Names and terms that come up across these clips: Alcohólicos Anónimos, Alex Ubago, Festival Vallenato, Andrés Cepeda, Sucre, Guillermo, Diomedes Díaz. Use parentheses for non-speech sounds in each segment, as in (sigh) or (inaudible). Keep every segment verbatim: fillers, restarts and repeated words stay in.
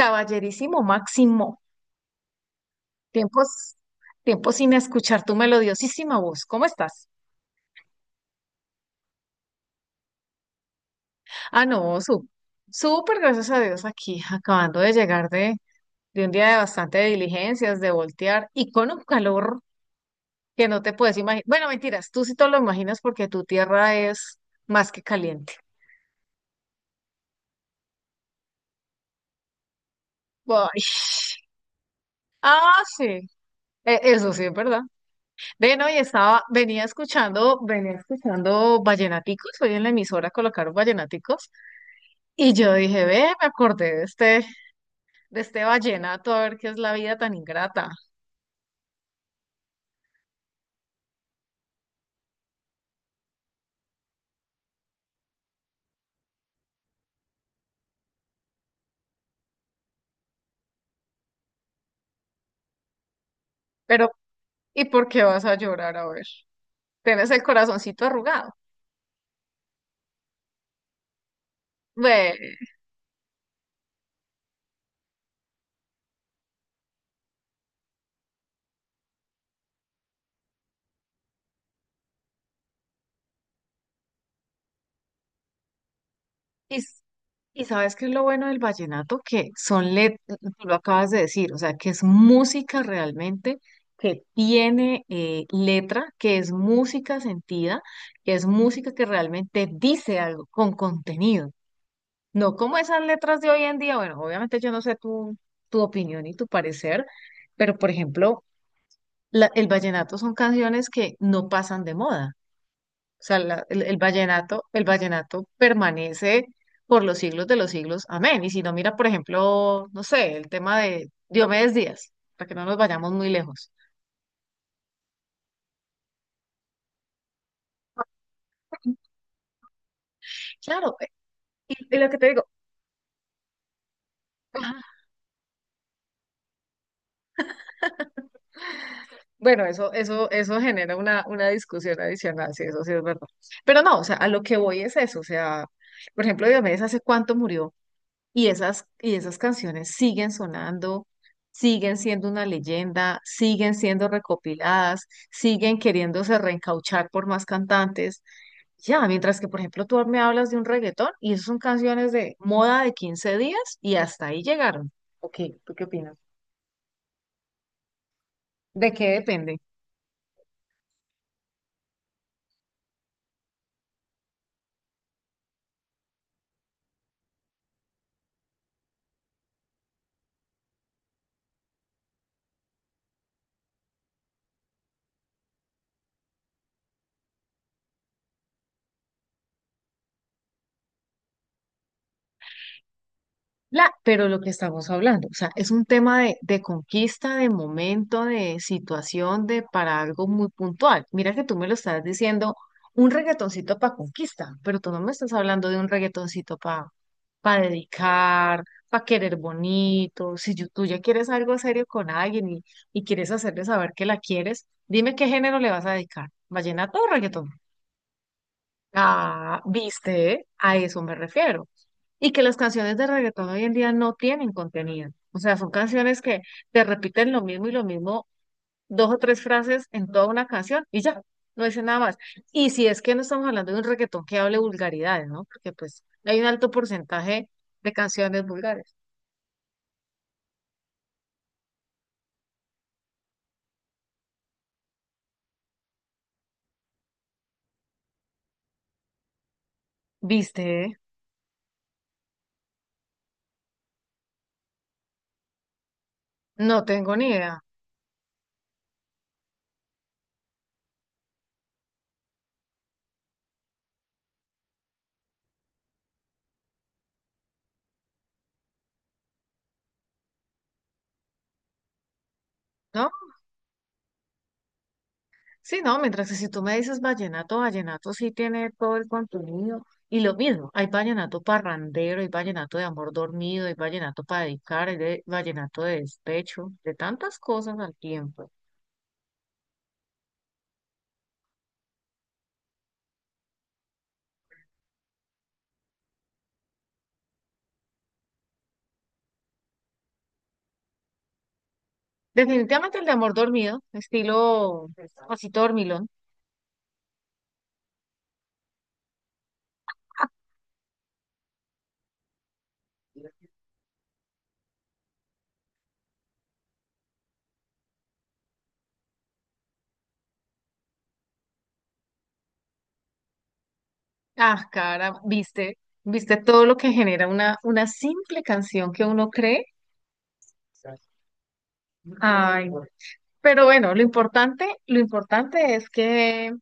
Caballerísimo Máximo, tiempos, tiempos sin escuchar tu melodiosísima voz. ¿Cómo estás? Ah, no, su, súper gracias a Dios aquí, acabando de llegar de, de un día de bastante diligencias, de voltear y con un calor que no te puedes imaginar. Bueno, mentiras, tú sí te lo imaginas porque tu tierra es más que caliente. Ay, ah, sí. e- Eso sí, es verdad. Ven, hoy estaba, venía escuchando, venía escuchando vallenaticos. Hoy en la emisora colocaron vallenaticos. Y yo dije, ve, me acordé de este, de este vallenato, a ver qué es la vida tan ingrata. Pero, ¿y por qué vas a llorar? A ver, tienes el corazoncito arrugado. Ve, y, s- y ¿sabes qué es lo bueno del vallenato? Que son letras, tú lo acabas de decir, o sea, que es música realmente, que tiene eh, letra, que es música sentida, que es música que realmente dice algo con contenido. No como esas letras de hoy en día, bueno, obviamente yo no sé tu, tu opinión y tu parecer, pero por ejemplo, la- el vallenato son canciones que no pasan de moda. O sea, la- el, el vallenato, el vallenato permanece por los siglos de los siglos. Amén. Y si no, mira, por ejemplo, no sé, el tema de Diomedes Díaz, para que no nos vayamos muy lejos. Claro, eh, y, y lo que te digo, bueno, eso, eso, eso genera una, una discusión adicional, sí, eso sí es verdad. Pero no, o sea, a lo que voy es eso, o sea, por ejemplo, Diomedes hace cuánto murió y esas, y esas canciones siguen sonando, siguen siendo una leyenda, siguen siendo recopiladas, siguen queriéndose reencauchar por más cantantes. Ya, mientras que, por ejemplo, tú me hablas de un reggaetón y esas son canciones de moda de quince días y hasta ahí llegaron. Ok, ¿tú qué opinas? ¿De qué depende? La, pero lo que estamos hablando, o sea, es un tema de, de conquista, de momento, de situación, de para algo muy puntual. Mira que tú me lo estás diciendo, un reggaetoncito para conquista, pero tú no me estás hablando de un reggaetoncito para para dedicar, para querer bonito. Si yo- Tú ya quieres algo serio con alguien y, y quieres hacerle saber que la quieres, dime qué género le vas a dedicar, vallenato o reggaetón. Ah, viste, a eso me refiero. Y que las canciones de reggaetón hoy en día no tienen contenido. O sea, son canciones que te repiten lo mismo y lo mismo, dos o tres frases en toda una canción y ya, no dicen nada más. Y si es que no estamos hablando de un reggaetón que hable vulgaridades, ¿no? Porque pues hay un alto porcentaje de canciones vulgares. ¿Viste? No tengo ni idea, ¿no? Sí, no, mientras que si tú me dices vallenato, vallenato sí tiene todo el contenido. Y lo mismo, hay vallenato parrandero, hay vallenato de amor dormido, hay vallenato para dedicar, hay de- vallenato de despecho, de tantas cosas al tiempo. Definitivamente el de amor dormido, estilo así dormilón. Ah, cara, viste, viste todo lo que genera una, una simple canción que uno cree. Ay, pero bueno, lo importante, lo importante es que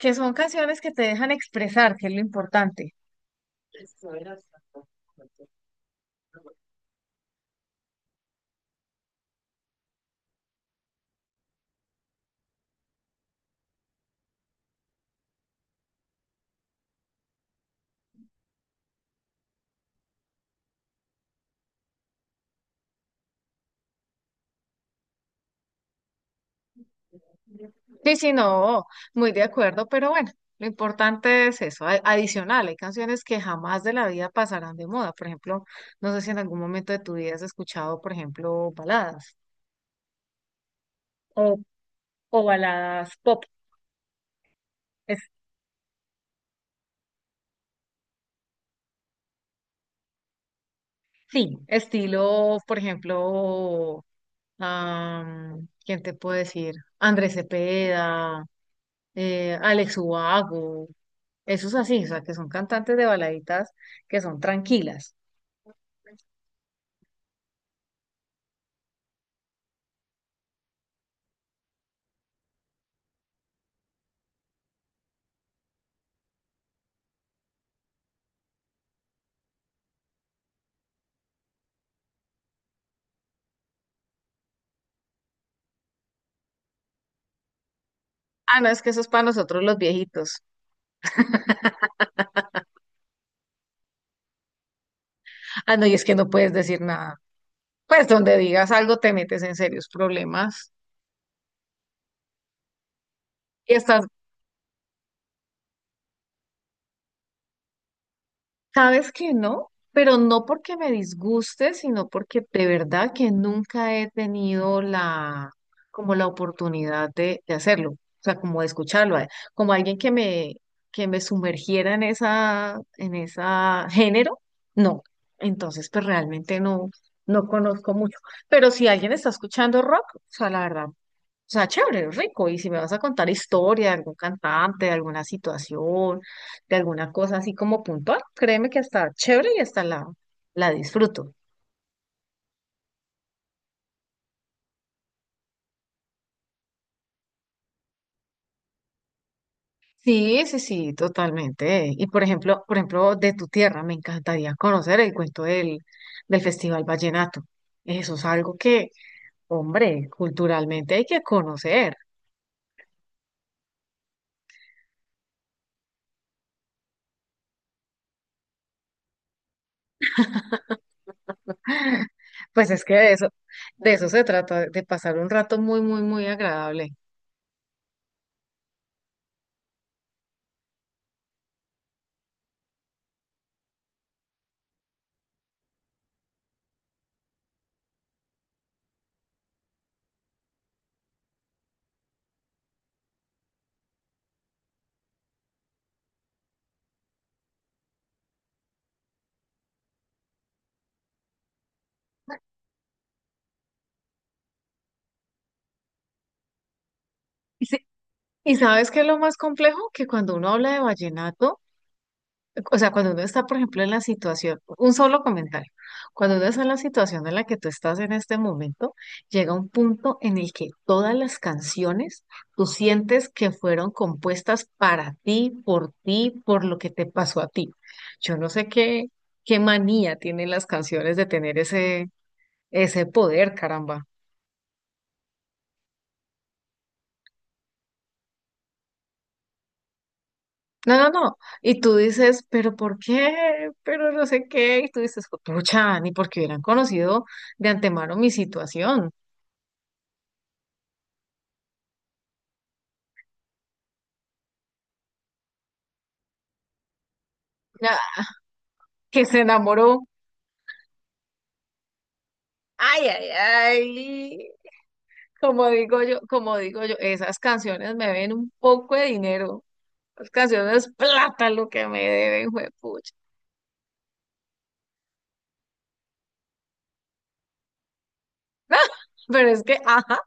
que son canciones que te dejan expresar, que es lo importante. Sí, sí, no, muy de acuerdo, pero bueno, lo importante es eso. A- Adicional, hay canciones que jamás de la vida pasarán de moda. Por ejemplo, no sé si en algún momento de tu vida has escuchado, por ejemplo, baladas o, o baladas pop. Es, sí, estilo, por ejemplo, am, ¿quién te puede decir? Andrés Cepeda, eh, Alex Ubago. Eso es así, o sea, que son cantantes de baladitas que son tranquilas. Ah, no, es que eso es para nosotros los viejitos. Ah, no, y es que no puedes decir nada. Pues donde digas algo te metes en serios problemas. Y hasta sabes que no, pero no porque me disguste, sino porque de verdad que nunca he tenido la, como la oportunidad de, de hacerlo, o sea, como de escucharlo, a- como alguien que me, que me sumergiera en esa, en esa género, no. Entonces, pues realmente no, no conozco mucho. Pero si alguien está escuchando rock, o sea, la verdad, o sea, chévere, rico. Y si me vas a contar historia de algún cantante, de alguna situación, de alguna cosa así como puntual, créeme que hasta chévere y hasta la, la disfruto. Sí, sí, sí, totalmente. Y por ejemplo, por ejemplo, de tu tierra, me encantaría conocer el cuento del, del Festival Vallenato. Eso es algo que, hombre, culturalmente hay que conocer. (laughs) Pues es que de eso, de eso se trata, de pasar un rato muy, muy, muy agradable. Y sabes qué es lo más complejo, que cuando uno habla de vallenato, o sea, cuando uno está, por ejemplo, en la situación, un solo comentario, cuando uno está en la situación en la que tú estás en este momento, llega un punto en el que todas las canciones tú sientes que fueron compuestas para ti, por ti, por lo que te pasó a ti. Yo no sé qué, qué manía tienen las canciones de tener ese, ese poder, caramba. No, no, no. Y tú dices, pero ¿por qué? Pero no sé qué. Y tú dices, pucha, ni porque hubieran conocido de antemano mi situación. Ah, que se enamoró. Ay, ay, ay. Como digo yo, como digo yo, esas canciones me ven un poco de dinero. Las canciones plata lo que me deben, juepucha. (laughs) Pero es que, ajá,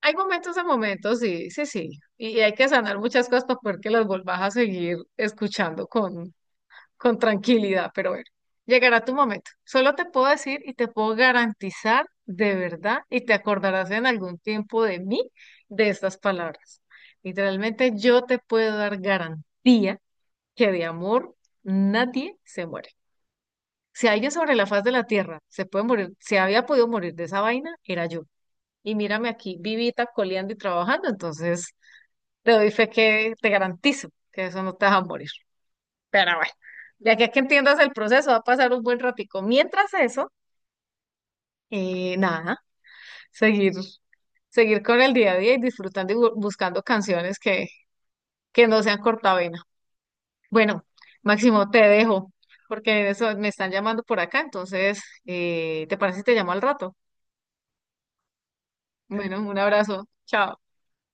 hay momentos a momentos, sí, sí, sí. Y hay que sanar muchas cosas para poder que las volvas a seguir escuchando con. Con tranquilidad, pero bueno, llegará tu momento. Solo te puedo decir y te puedo garantizar de verdad y te acordarás en algún tiempo de mí de estas palabras. Literalmente yo te puedo dar garantía que de amor nadie se muere. Si alguien sobre la faz de la tierra se puede morir, se había podido morir de esa vaina, era yo. Y mírame aquí, vivita, coleando y trabajando, entonces te doy fe que te garantizo que eso no te va a morir. Pero bueno, de aquí a que entiendas el proceso va a pasar un buen ratico. Mientras eso, eh, nada, seguir, seguir con el día a día y disfrutando y bu- buscando canciones que, que no sean cortavena. Bueno, Máximo, te dejo, porque eso me están llamando por acá, entonces, eh, ¿te parece si te llamo al rato? Bueno, un abrazo, chao.